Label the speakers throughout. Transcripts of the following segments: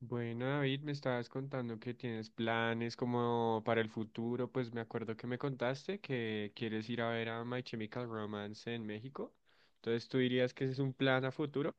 Speaker 1: Bueno, David, me estabas contando que tienes planes como para el futuro. Pues me acuerdo que me contaste que quieres ir a ver a My Chemical Romance en México. Entonces, ¿tú dirías que ese es un plan a futuro?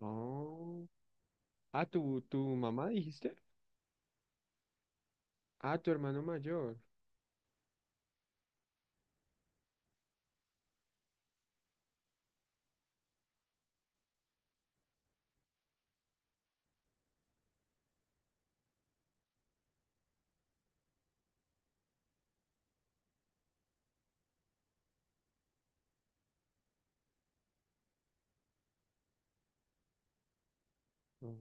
Speaker 1: Oh. Ah, ¿tu mamá dijiste? Ah, tu hermano mayor. Oh.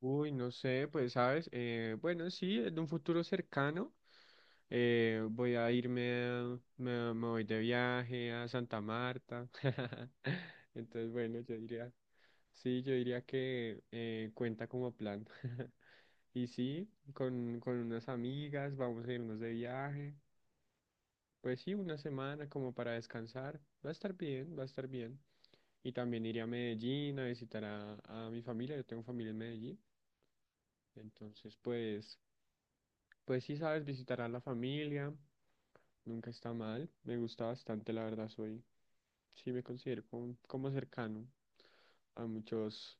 Speaker 1: Uy, no sé, pues sabes, bueno, sí, en un futuro cercano voy a me voy de viaje a Santa Marta. Entonces, bueno, yo diría, sí, yo diría que cuenta como plan. Y sí, con unas amigas vamos a irnos de viaje. Pues sí, una semana como para descansar. Va a estar bien, va a estar bien. Y también iré a Medellín a visitar a mi familia. Yo tengo familia en Medellín. Entonces, pues pues sí, sabes, visitar a la familia, nunca está mal. Me gusta bastante, la verdad, soy, sí me considero como, como cercano a muchos,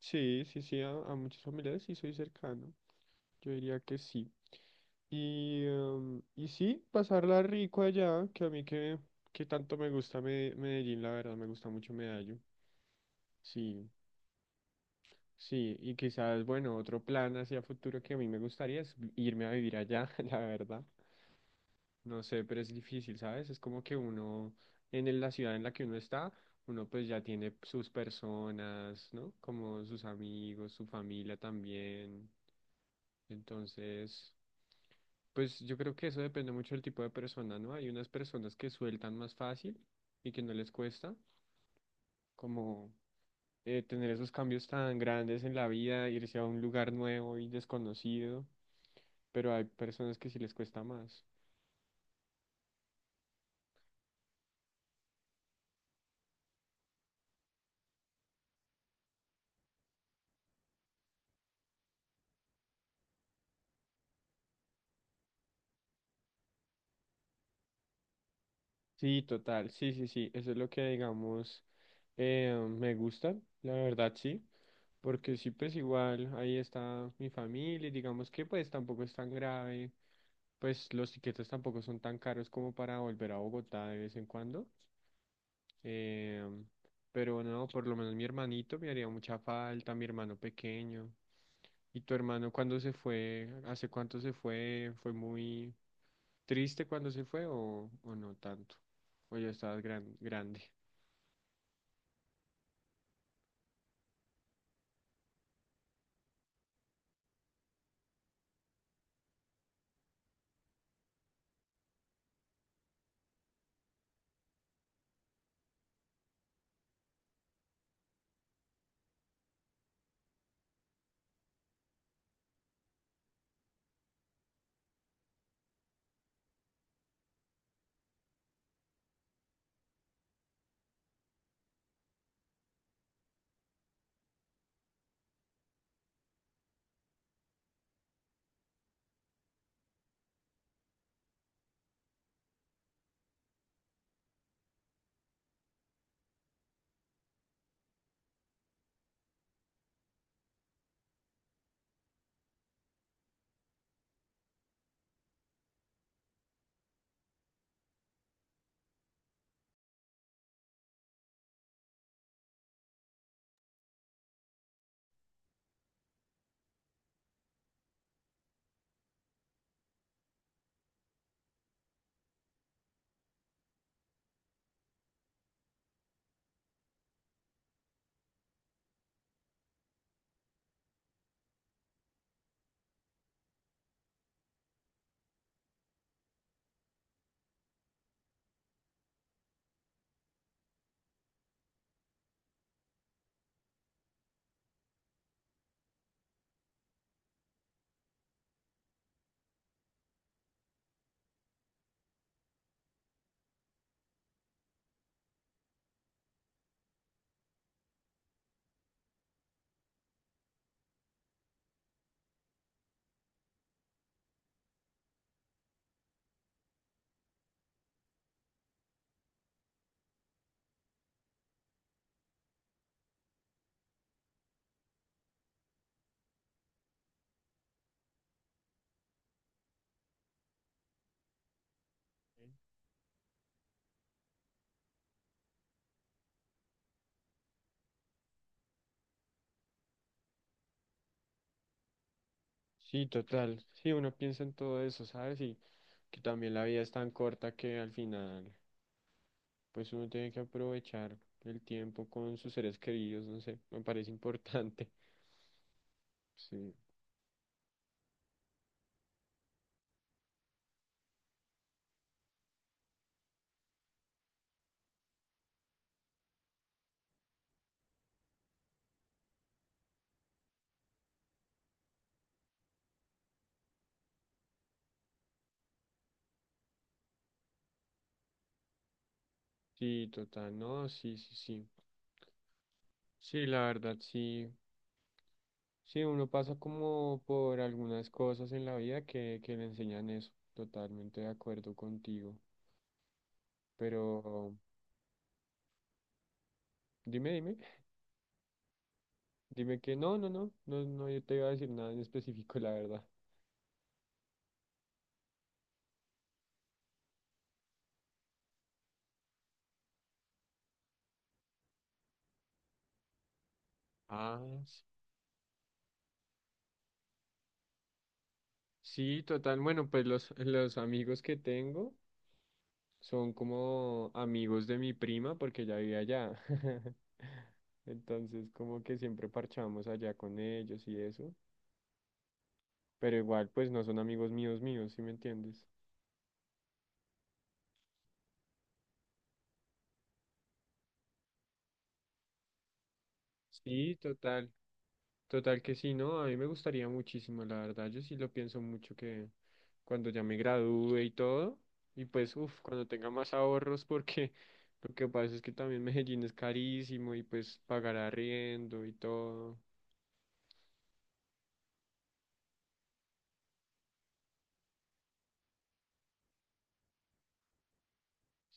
Speaker 1: sí, sí, sí, a muchos familiares sí soy cercano. Yo diría que sí. Y, y sí, pasarla rico allá, que a mí que tanto me gusta Medellín, la verdad, me gusta mucho Medallo. Sí, sí, y quizás, bueno, otro plan hacia futuro que a mí me gustaría es irme a vivir allá, la verdad. No sé, pero es difícil, ¿sabes? Es como que uno, en la ciudad en la que uno está, uno pues ya tiene sus personas, ¿no? Como sus amigos, su familia también. Entonces, pues yo creo que eso depende mucho del tipo de persona, ¿no? Hay unas personas que sueltan más fácil y que no les cuesta, como tener esos cambios tan grandes en la vida, irse a un lugar nuevo y desconocido, pero hay personas que sí les cuesta más. Sí, total, sí, sí, sí, eso es lo que digamos me gusta, la verdad sí, porque sí, pues igual ahí está mi familia y digamos que pues tampoco es tan grave, pues los tiquetes tampoco son tan caros como para volver a Bogotá de vez en cuando, eh, pero no, por lo menos mi hermanito me haría mucha falta, mi hermano pequeño, y tu hermano cuando se fue, ¿hace cuánto se fue? Fue muy, ¿triste cuando se fue o no tanto? O ya estabas grande. Sí, total. Sí, uno piensa en todo eso, ¿sabes? Y que también la vida es tan corta que al final, pues uno tiene que aprovechar el tiempo con sus seres queridos, no sé, me parece importante. Sí. Sí, total, no, sí, sí, sí. Sí, la verdad, sí. Sí, uno pasa como por algunas cosas en la vida que le enseñan eso. Totalmente de acuerdo contigo. Pero, dime, dime. Dime que no, no, no, no, no, yo te iba a decir nada en específico, la verdad. Ah, s- sí, total. Bueno, pues los amigos que tengo son como amigos de mi prima porque ella vive allá. Entonces, como que siempre parchamos allá con ellos y eso. Pero igual, pues no son amigos míos míos, ¿sí me entiendes? Sí, total. Total que sí, ¿no? A mí me gustaría muchísimo, la verdad. Yo sí lo pienso mucho que cuando ya me gradúe y todo, y pues, uff, cuando tenga más ahorros, porque lo que pasa es que también Medellín es carísimo y pues pagar arriendo y todo.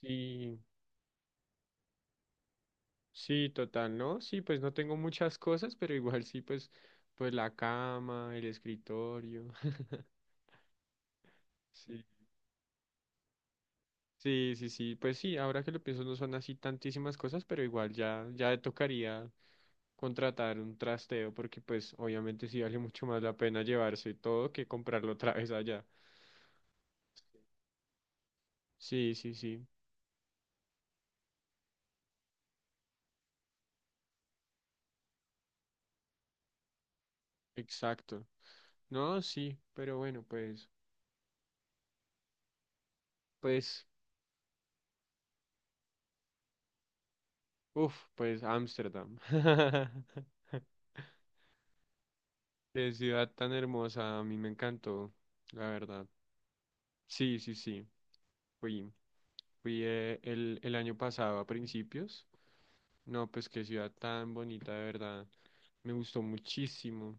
Speaker 1: Sí, sí, total, ¿no? Sí, pues no tengo muchas cosas, pero igual sí, pues, pues la cama, el escritorio. Sí, sí, sí, sí. Pues sí, ahora que lo pienso no son así tantísimas cosas, pero igual ya, ya tocaría contratar un trasteo porque pues obviamente sí vale mucho más la pena llevarse todo que comprarlo otra vez allá. Sí, sí, sí, exacto. No, sí, pero bueno, pues, pues, uff, pues Ámsterdam. Qué ciudad tan hermosa, a mí me encantó, la verdad. Sí, sí, sí, fui. Fui el año pasado a principios. No, pues qué ciudad tan bonita, de verdad. Me gustó muchísimo.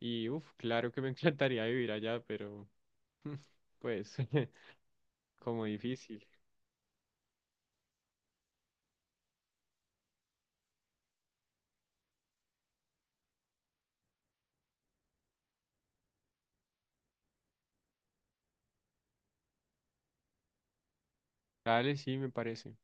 Speaker 1: Y uff, claro que me encantaría vivir allá, pero pues como difícil. Dale, sí, me parece.